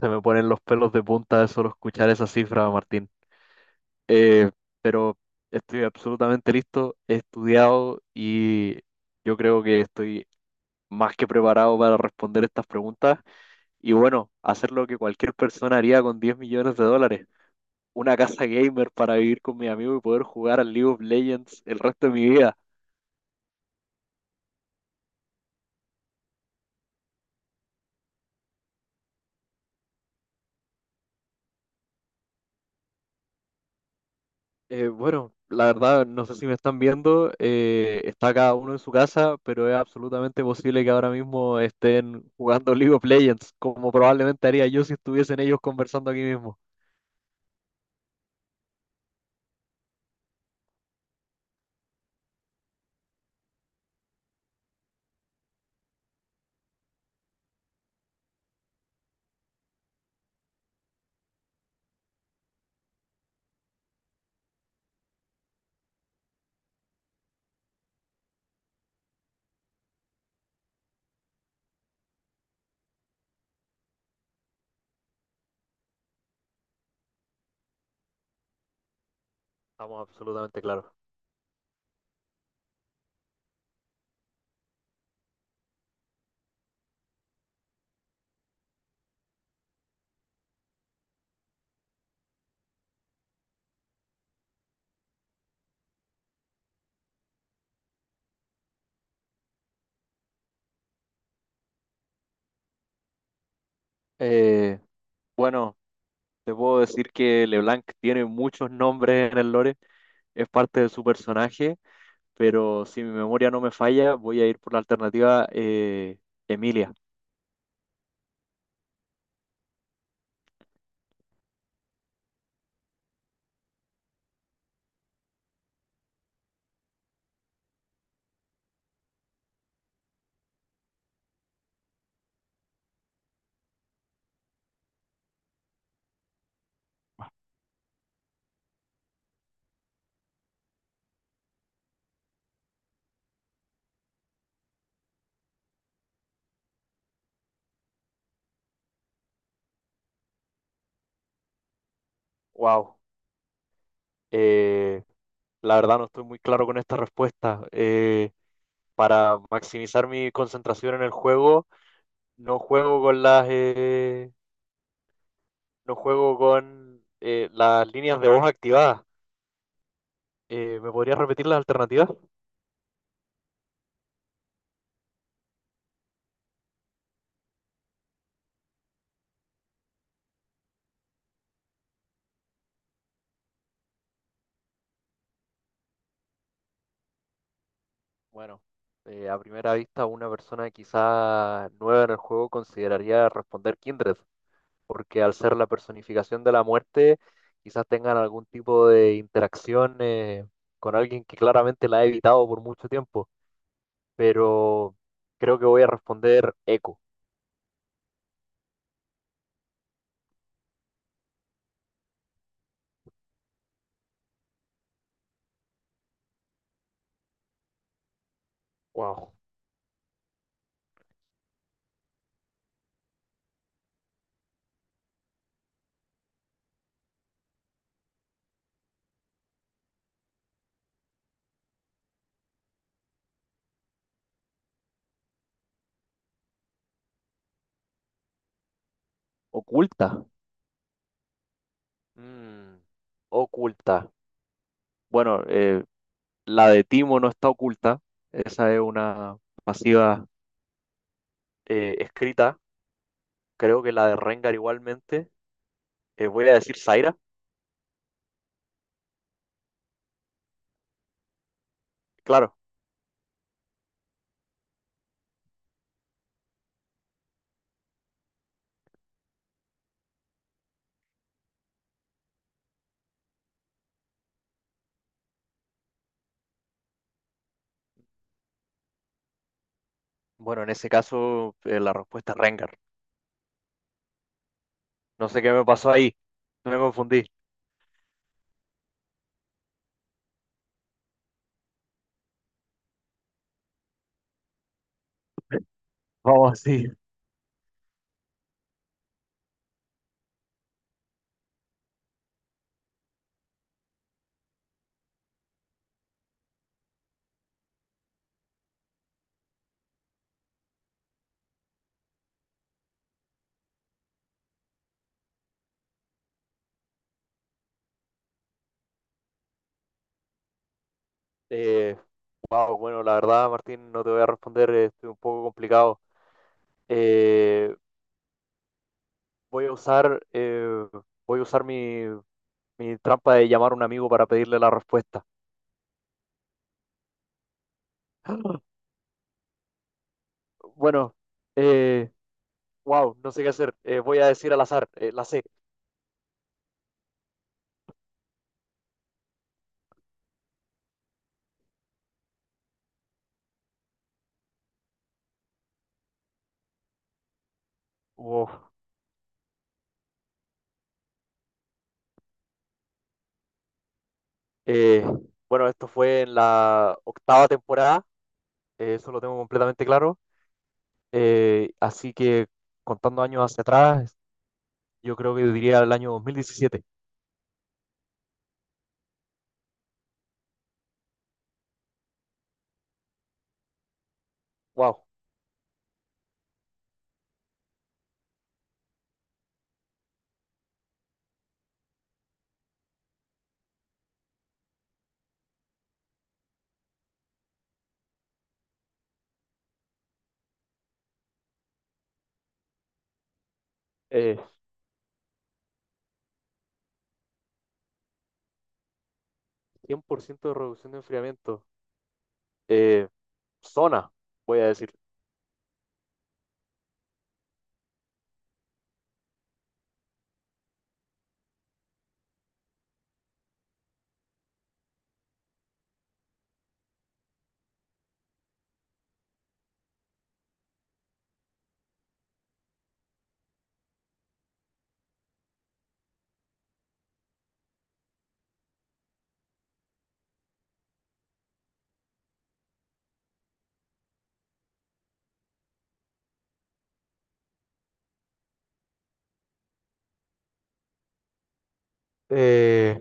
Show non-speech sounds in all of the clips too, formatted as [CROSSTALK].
Se me ponen los pelos de punta de solo escuchar esa cifra, Martín. Eh, pero estoy absolutamente listo, he estudiado y yo creo que estoy más que preparado para responder estas preguntas. Y bueno, hacer lo que cualquier persona haría con 10 millones de dólares. Una casa gamer para vivir con mi amigo y poder jugar al League of Legends el resto de mi vida. Bueno, la verdad, no sé si me están viendo, está cada uno en su casa, pero es absolutamente posible que ahora mismo estén jugando League of Legends, como probablemente haría yo si estuviesen ellos conversando aquí mismo. Estamos absolutamente claros. Eh, bueno, te puedo decir que LeBlanc tiene muchos nombres en el lore, es parte de su personaje, pero si mi memoria no me falla, voy a ir por la alternativa Emilia. Wow. La verdad no estoy muy claro con esta respuesta. Para maximizar mi concentración en el juego, no juego con las líneas de voz activadas. ¿Me podrías repetir las alternativas? Bueno, a primera vista una persona quizá nueva en el juego consideraría responder Kindred, porque al ser la personificación de la muerte, quizás tengan algún tipo de interacción con alguien que claramente la ha evitado por mucho tiempo. Pero creo que voy a responder eco. Wow. Oculta. Mm, Oculta. Bueno, la de Timo no está oculta. Esa es una pasiva escrita. Creo que la de Rengar igualmente. Voy a decir Zaira. Claro. Bueno, en ese caso la respuesta es Rengar. No sé qué me pasó ahí. No, me confundí. Vamos así. Eh, wow, bueno, la verdad, Martín, no te voy a responder, estoy un poco complicado. Eh, Voy a usar, eh, voy a usar mi trampa de llamar a un amigo para pedirle la respuesta. [GASPS] Bueno, eh, wow, no sé qué hacer. Voy a decir al azar, la C. Wow. Eh, bueno, esto fue en la octava temporada, eso lo tengo completamente claro. Así que contando años hacia atrás, yo creo que diría el año 2017. Wow, eh, 100% de reducción de enfriamiento. Eh, Zona, voy a decir. Eh,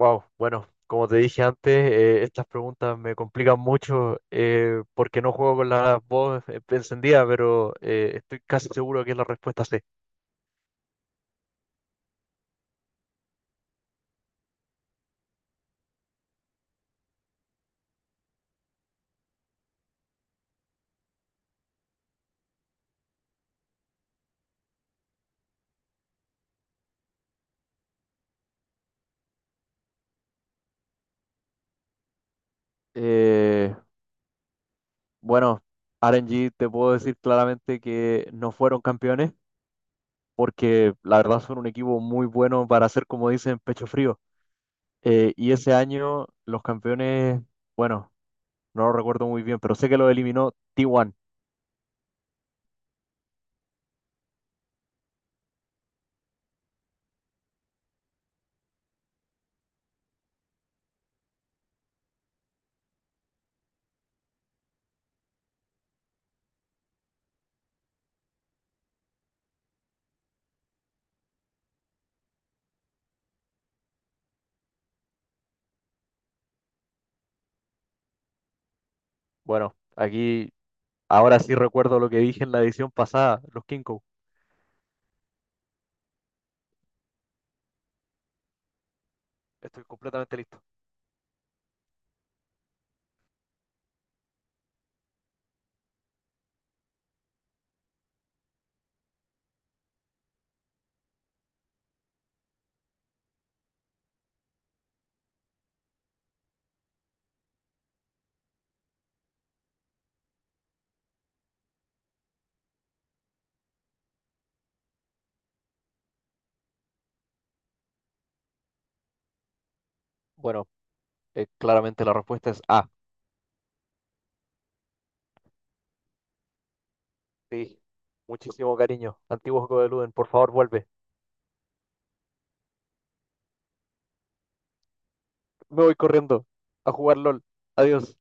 Wow, bueno, como te dije antes, estas preguntas me complican mucho porque no juego con la voz encendida, pero estoy casi seguro que es la respuesta C. Eh, bueno, RNG te puedo decir claramente que no fueron campeones porque la verdad son un equipo muy bueno para hacer, como dicen, pecho frío. Y ese año los campeones, bueno, no lo recuerdo muy bien, pero sé que lo eliminó T1. Bueno, aquí ahora sí recuerdo lo que dije en la edición pasada, los King. Estoy completamente listo. Bueno, claramente la respuesta es A. Sí. Muchísimo cariño. Antiguo juego de Luden, por favor, vuelve. Me voy corriendo a jugar LOL. Adiós.